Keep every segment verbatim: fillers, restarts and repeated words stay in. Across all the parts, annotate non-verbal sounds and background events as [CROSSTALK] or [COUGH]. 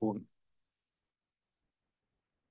Full.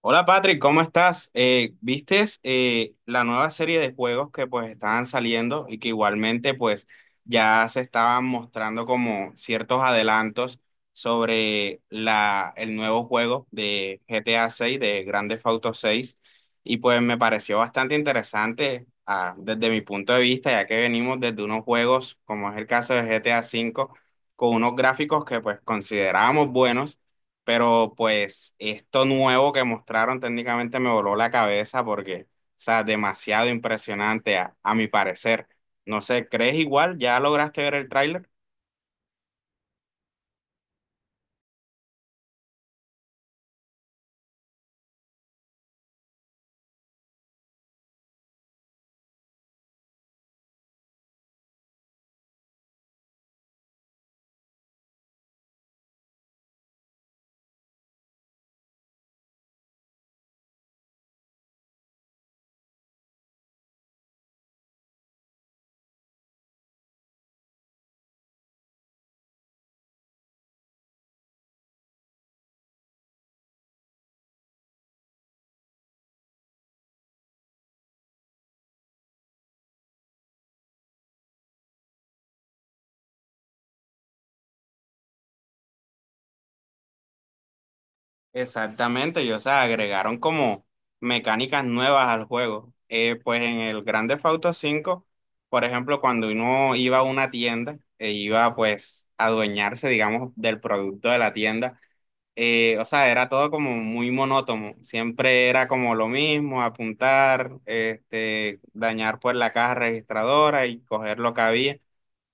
Hola Patrick, ¿cómo estás? Eh, ¿vistes eh, la nueva serie de juegos que pues estaban saliendo y que igualmente pues ya se estaban mostrando como ciertos adelantos sobre la, el nuevo juego de G T A seis de Grand Theft Auto seis y pues me pareció bastante interesante ah, desde mi punto de vista ya que venimos desde unos juegos como es el caso de G T A cinco con unos gráficos que pues considerábamos buenos, pero pues esto nuevo que mostraron técnicamente me voló la cabeza porque, o sea, demasiado impresionante a, a mi parecer. No sé, ¿crees igual? ¿Ya lograste ver el tráiler? Exactamente, y o sea, agregaron como mecánicas nuevas al juego. Eh, pues en el Grand Theft Auto cinco, por ejemplo, cuando uno iba a una tienda e iba pues a adueñarse, digamos, del producto de la tienda, eh, o sea, era todo como muy monótono. Siempre era como lo mismo, apuntar, este, dañar pues la caja registradora y coger lo que había,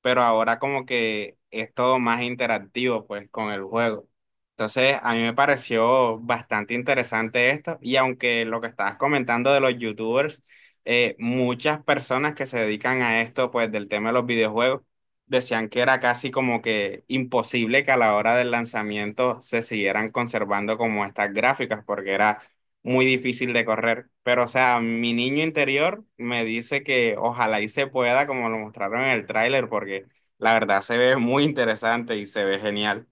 pero ahora como que es todo más interactivo pues con el juego. Entonces, a mí me pareció bastante interesante esto y aunque lo que estabas comentando de los youtubers, eh, muchas personas que se dedican a esto pues del tema de los videojuegos decían que era casi como que imposible que a la hora del lanzamiento se siguieran conservando como estas gráficas porque era muy difícil de correr. Pero, o sea, mi niño interior me dice que ojalá y se pueda, como lo mostraron en el tráiler, porque la verdad se ve muy interesante y se ve genial.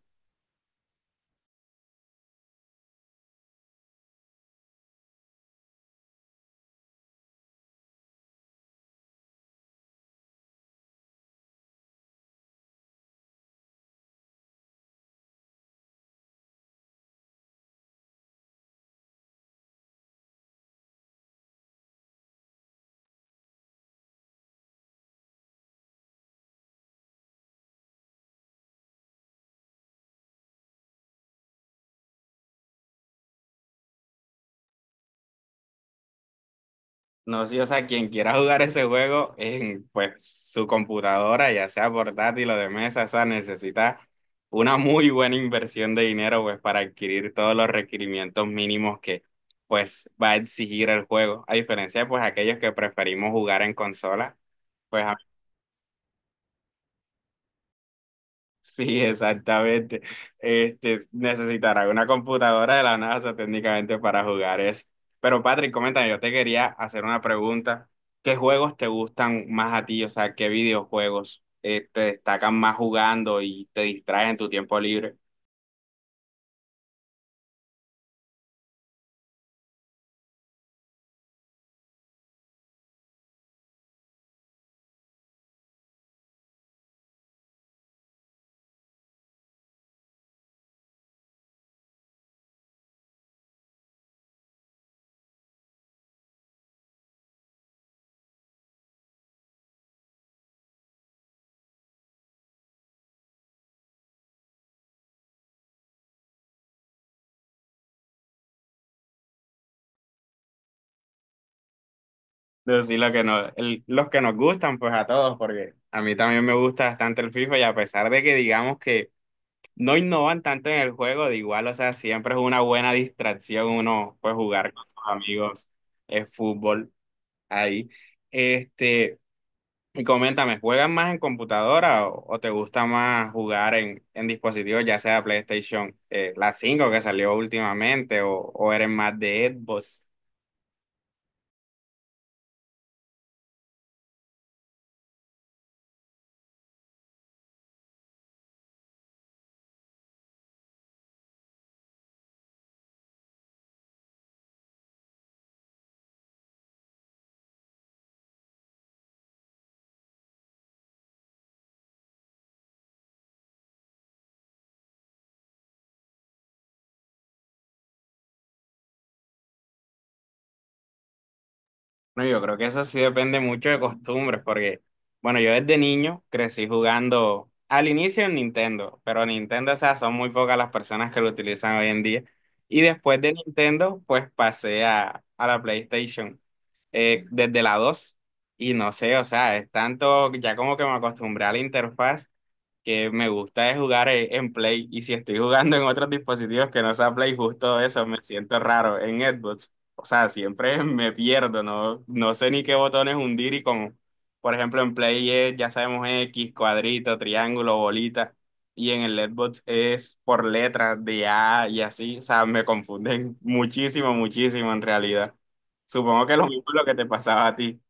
No sé, o sea, quien quiera jugar ese juego en pues su computadora, ya sea portátil o de mesa, o sea, necesita una muy buena inversión de dinero pues para adquirir todos los requerimientos mínimos que pues va a exigir el juego, a diferencia de pues aquellos que preferimos jugar en consola pues. Sí, exactamente. Este, necesitará una computadora de la NASA técnicamente para jugar eso. Pero Patrick, coméntame, yo te quería hacer una pregunta. ¿Qué juegos te gustan más a ti? O sea, ¿qué videojuegos eh, te destacan más jugando y te distraen en tu tiempo libre? Decir lo que no, el- los que nos gustan, pues a todos, porque a mí también me gusta bastante el FIFA y a pesar de que digamos que no innovan tanto en el juego, de igual, o sea, siempre es una buena distracción uno pues jugar con sus amigos eh, fútbol ahí. Este, y coméntame, ¿juegan más en computadora o, o te gusta más jugar en, en dispositivos, ya sea PlayStation, eh, la cinco que salió últimamente, o, o eres más de Xbox? Bueno, yo creo que eso sí depende mucho de costumbres, porque, bueno, yo desde niño crecí jugando al inicio en Nintendo, pero Nintendo, o sea, son muy pocas las personas que lo utilizan hoy en día. Y después de Nintendo, pues pasé a, a la PlayStation, eh, desde la dos. Y no sé, o sea, es tanto, ya como que me acostumbré a la interfaz, que me gusta es jugar e- en Play. Y si estoy jugando en otros dispositivos que no sea Play, justo eso, me siento raro en Xbox. O sea, siempre [LAUGHS] me pierdo, ¿no? No sé ni qué botones hundir y con, por ejemplo, en Play es, ya sabemos X, cuadrito, triángulo, bolita, y en el Letbox es por letras de A y así, o sea, me confunden [LAUGHS] muchísimo, muchísimo en realidad. Supongo que lo mismo es lo que te pasaba a ti.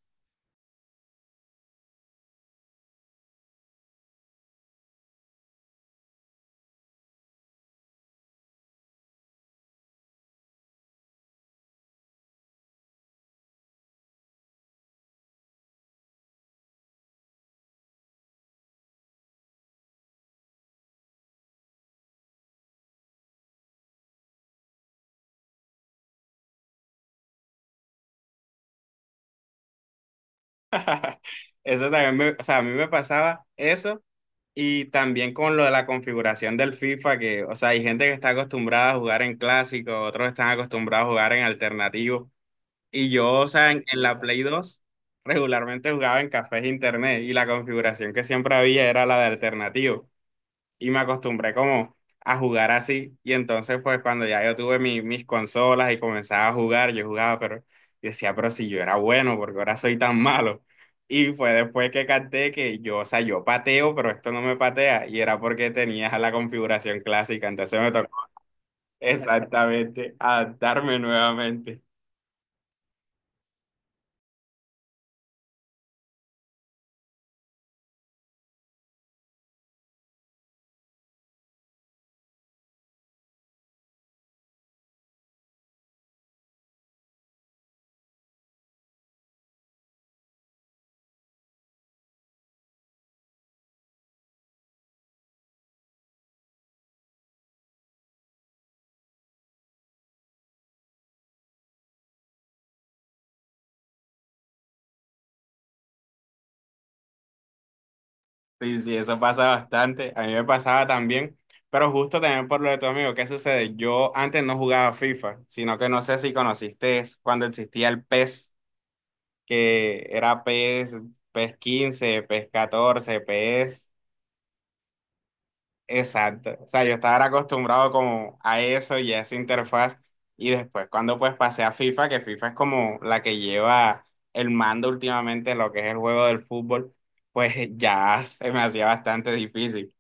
[LAUGHS] Eso también me, o sea, a mí me pasaba eso y también con lo de la configuración del FIFA, que, o sea, hay gente que está acostumbrada a jugar en clásico, otros están acostumbrados a jugar en alternativo. Y yo, o sea, en, en la Play dos regularmente jugaba en cafés e internet y la configuración que siempre había era la de alternativo. Y me acostumbré como a jugar así. Y entonces, pues cuando ya yo tuve mi- mis consolas y comenzaba a jugar, yo jugaba, pero decía, pero si yo era bueno, porque ahora soy tan malo. Y fue después que capté que yo, o sea, yo pateo, pero esto no me patea. Y era porque tenía la configuración clásica. Entonces me tocó [LAUGHS] exactamente adaptarme nuevamente. Sí, sí, eso pasa bastante. A mí me pasaba también, pero justo también por lo de tu amigo, ¿qué sucede? Yo antes no jugaba FIFA, sino que no sé si conociste cuando existía el PES, que era PES, PES quince, PES catorce, PES, exacto. O sea, yo estaba era acostumbrado como a eso y a esa interfaz. Y después cuando pues pasé a FIFA, que FIFA es como la que lleva el mando últimamente, en lo que es el juego del fútbol, pues ya se me hacía bastante difícil.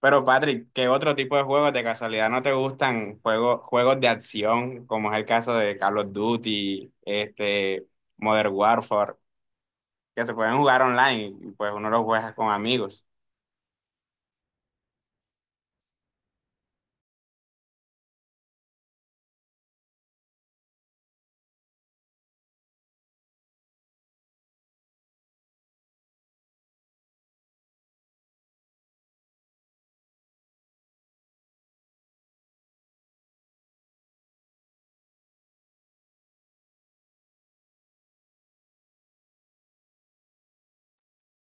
Pero Patrick, ¿qué otro tipo de juegos de casualidad no te gustan? Juegos, juegos de acción, como es el caso de Call of Duty, este, Modern Warfare, que se pueden jugar online y pues uno los juega con amigos.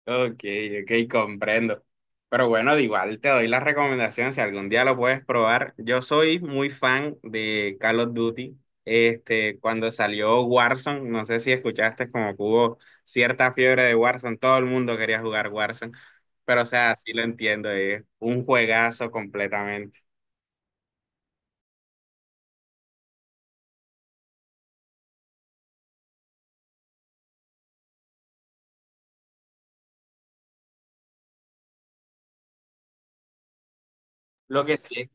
Ok, ok, comprendo. Pero bueno, de igual te doy la recomendación si algún día lo puedes probar. Yo soy muy fan de Call of Duty. Este, cuando salió Warzone, no sé si escuchaste como que hubo cierta fiebre de Warzone, todo el mundo quería jugar Warzone. Pero o sea, sí lo entiendo, es un juegazo completamente. Lo que sí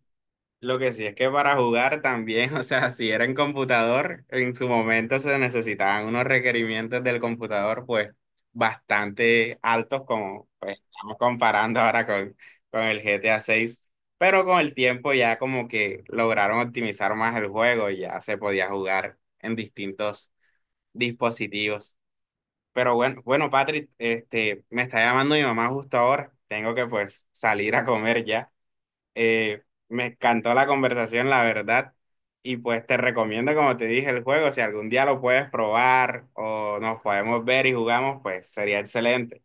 Lo que sí es que para jugar también, [LAUGHS] o sea, si era en computador, en su momento se necesitaban unos requerimientos del computador, pues, bastante altos, como pues, estamos comparando ahora con, con el G T A seis, pero con el tiempo ya como que lograron optimizar más el juego, y ya se podía jugar en distintos dispositivos. Pero bueno, bueno, Patrick, este, me está llamando mi mamá justo ahora, tengo que pues salir a comer ya. Eh, me encantó la conversación, la verdad. Y pues te recomiendo, como te dije, el juego. Si algún día lo puedes probar o nos podemos ver y jugamos, pues sería excelente.